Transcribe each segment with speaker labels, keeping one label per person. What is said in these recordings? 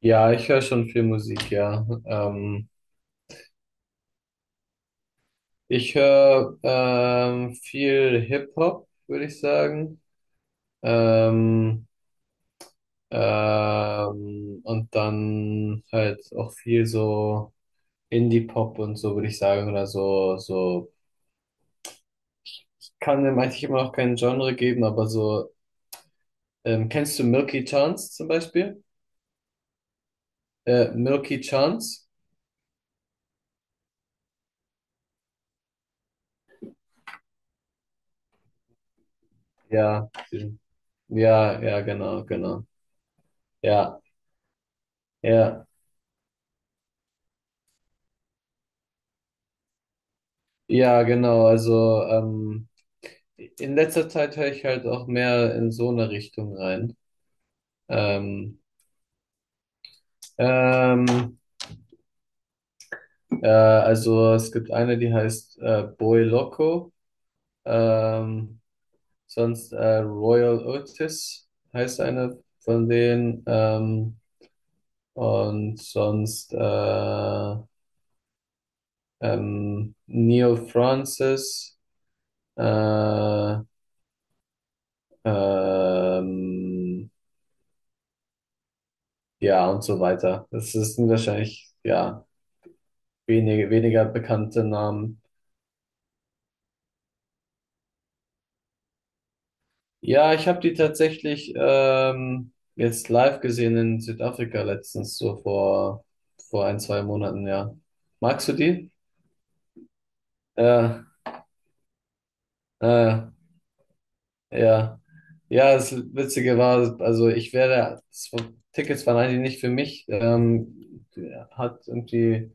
Speaker 1: Ja, ich höre schon viel Musik, ja. Ich höre viel Hip-Hop, würde ich sagen. Ähm, und dann halt auch viel so Indie-Pop und so, würde ich sagen. Oder so, so. Kann dem eigentlich immer noch kein Genre geben, aber so. Kennst du Milky Chance zum Beispiel? Milky Chance? Ja. Ja, ja, genau, genau. Ja, ja. Ja, genau. Also, in letzter Zeit höre ich halt auch mehr in so eine Richtung rein. Ähm, ähm, also es gibt eine, die heißt Boy Loco, ähm, sonst Royal Otis heißt eine von denen, und sonst Neil Francis, äh, ähm, ja und so weiter. Das ist wahrscheinlich, ja. Wenige, weniger bekannte Namen. Ja, ich habe die tatsächlich jetzt live gesehen in Südafrika letztens, so vor ein, zwei Monaten, ja. Magst du die? Äh, äh, ja. Ja, das Witzige war, also ich wäre, das war, Tickets waren eigentlich nicht für mich. Hat irgendwie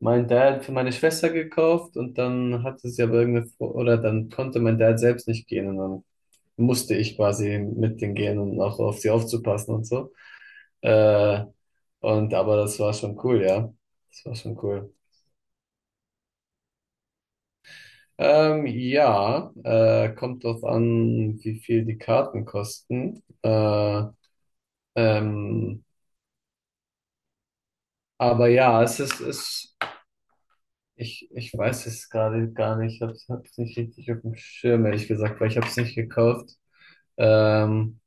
Speaker 1: mein Dad für meine Schwester gekauft, und dann hatte sie aber irgendeine, oder dann konnte mein Dad selbst nicht gehen und dann musste ich quasi mit denen gehen und auch auf sie aufzupassen und so. Äh, und aber das war schon cool, ja. Das war schon cool. Ja, kommt drauf an, wie viel die Karten kosten. Ähm, aber ja, ich weiß es gerade gar nicht. Ich hab's nicht richtig auf dem Schirm, ehrlich gesagt, weil ich hab's nicht gekauft. Ähm,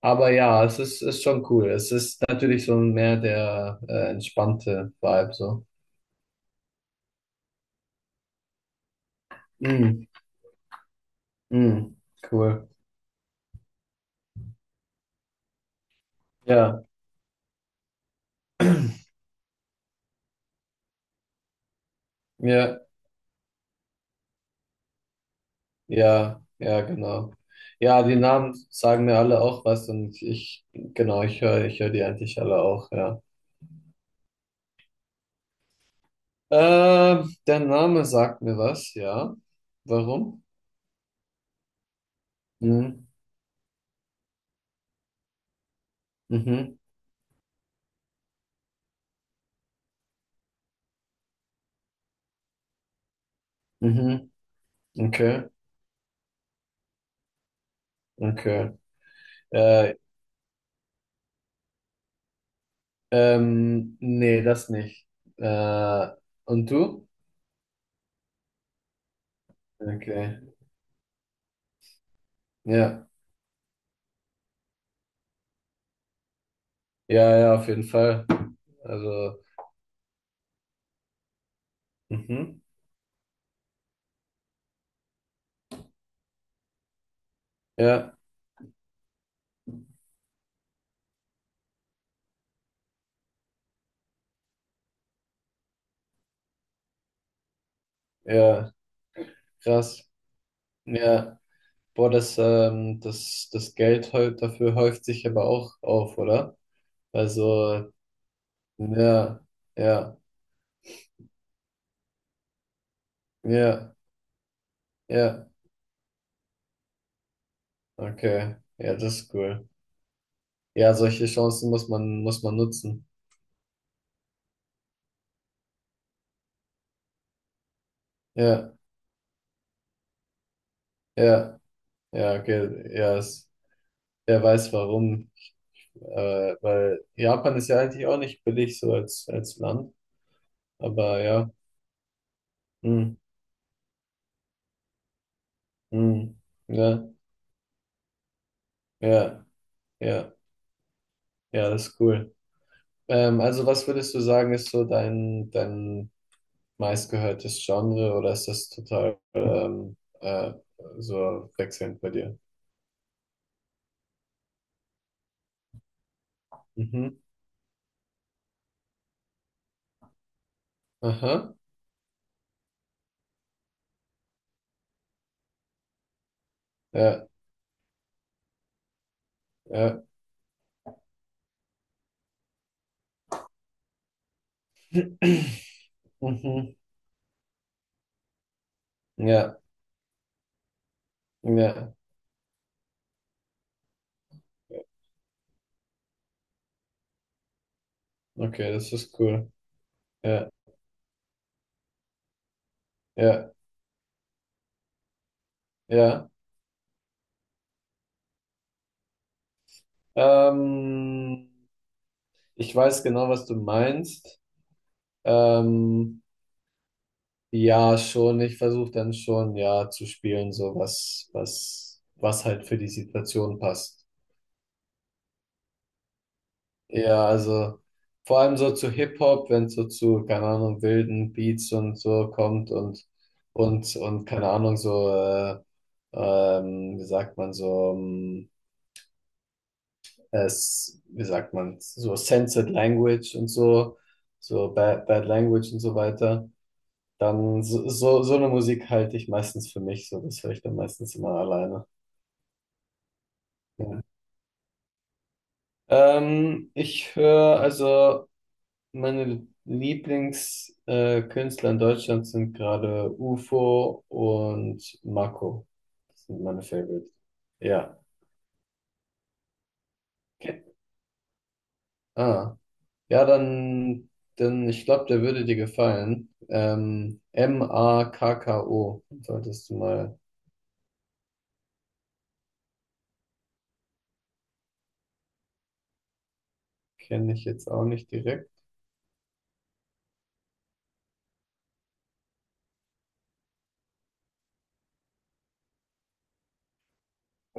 Speaker 1: aber ja, es ist schon cool. Es ist natürlich so mehr der entspannte Vibe so. Mm, mm, cool. Ja, ja, ja, ja, genau. Ja, die Namen sagen mir alle auch was, und ich, genau, ich höre die eigentlich alle auch, ja. Der Name sagt mir was, ja. Warum? Mhm, mhm, mhm, okay, okay. Äh, Nee, das nicht. Äh, und du? Okay, ja, ja, ja, auf jeden Fall. Also, mhm, ja, ja, krass. Ja, boah, das, das Geld dafür häuft sich aber auch auf, oder? Also, ja, ja, ja, ja, okay, ja, das ist cool. Ja, solche Chancen muss man nutzen. Ja, ja, ja, okay, ja, wer weiß warum, weil Japan ist ja eigentlich auch nicht billig so als Land, aber ja, hm, hm, ja, ja, ja, ja, das ist cool. Also was würdest du sagen, ist so dein meistgehörtes Genre, oder ist das total äh, so wechselnd bei dir? Mhm. Aha. Ja, ja. Mhm. Ja, ja. Okay, das ist cool. Ja, ja, ja. Ähm, Ich weiß genau, was du meinst. Ähm, ja, schon. Ich versuche dann schon, ja, zu spielen, so was halt für die Situation passt. Ja, also vor allem so zu Hip-Hop, wenn es so zu, keine Ahnung, wilden Beats und so kommt, und, keine Ahnung, so, wie sagt man, so, wie sagt man, so censored Language und so, so Bad Language und so weiter, dann so eine Musik halte ich meistens für mich, so, das höre ich dann meistens immer alleine. Ja. Ich höre also. Meine Lieblingskünstler, Künstler in Deutschland sind gerade UFO und Marco. Das sind meine Favorites. Ja. Okay. Ah. Ja, dann ich glaube, der würde dir gefallen. Makko. Solltest du mal. Kenne ich jetzt auch nicht direkt.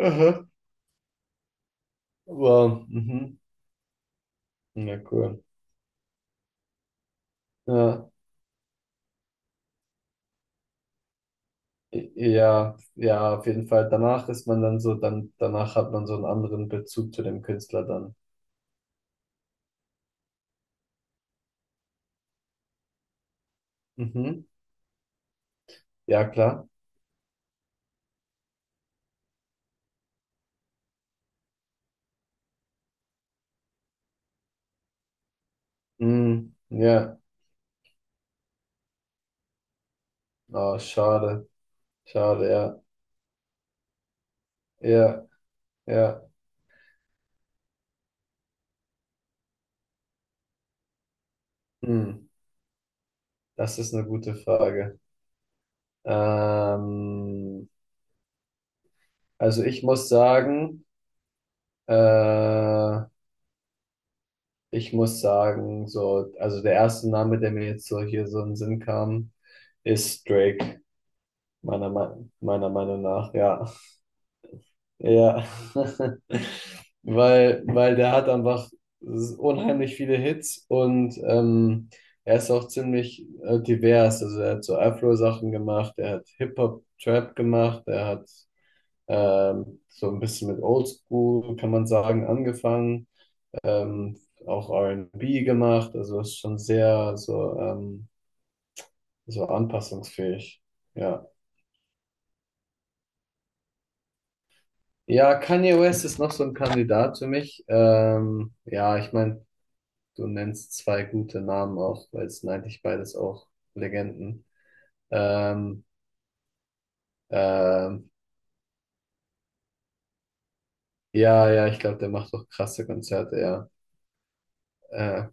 Speaker 1: Aha. Wow. Mhm. Ja, cool. Ja. Ja, ja, auf jeden Fall. Danach ist man dann so, dann, danach hat man so einen anderen Bezug zu dem Künstler dann. Mhm. Ja, klar. Hm, ja, oh, schade. Schade, ja. Ja, ja. Hm, das ist eine gute Frage. Ähm, also ich muss sagen, äh, so, also der erste Name, der mir jetzt so hier so in den Sinn kam, ist Drake, meiner Meinung nach, ja. Ja, weil der hat einfach unheimlich viele Hits, und er ist auch ziemlich divers. Also er hat so Afro-Sachen gemacht, er hat Hip-Hop-Trap gemacht, er hat so ein bisschen mit Oldschool, kann man sagen, angefangen, ähm, auch R&B gemacht, also ist schon sehr so, so anpassungsfähig. Ja. Ja, Kanye West ist noch so ein Kandidat für mich. Ja, ich meine, du nennst zwei gute Namen auch, weil es sind eigentlich beides auch Legenden. Ähm, ähm, ja, ja, ich glaube, der macht doch krasse Konzerte, ja. Äh,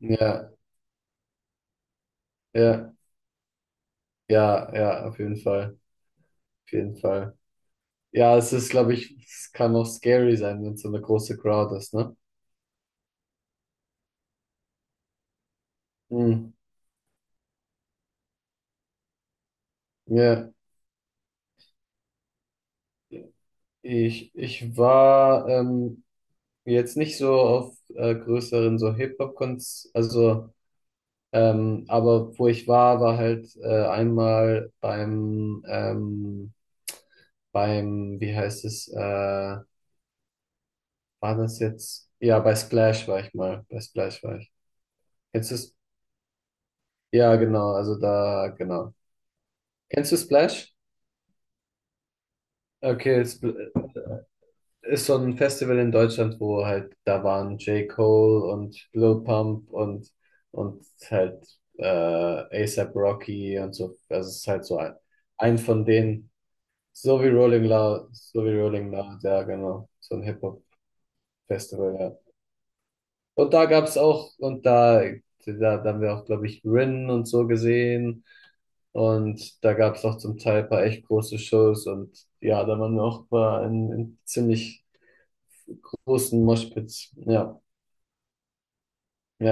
Speaker 1: ja, ja, ja, ja, auf jeden Fall, auf jeden Fall. Ja, es ist, glaube ich, es kann auch scary sein, wenn es so eine große Crowd ist, ne? Hm. Ja, ich war jetzt nicht so auf größeren so Hip-Hop-Konz, also. Aber wo ich war, war halt einmal beim wie heißt es, war das jetzt? Ja, bei Splash war ich mal. Bei Splash war ich. Kennst du es? Ja, genau, also da, genau. Kennst du Splash? Okay, es ist so ein Festival in Deutschland, wo halt, da waren J. Cole und Lil Pump und, halt A$AP Rocky und so. Also es ist halt so ein von denen. So wie Rolling Loud, so wie Rolling Loud, ja, genau. So ein Hip-Hop-Festival, ja. Und da gab's auch, und da haben wir auch, glaube ich, Rin und so gesehen. Und da gab's auch zum Teil ein paar echt große Shows. Und ja, da waren wir auch mal in ziemlich großen Moshpits. Ja, ja.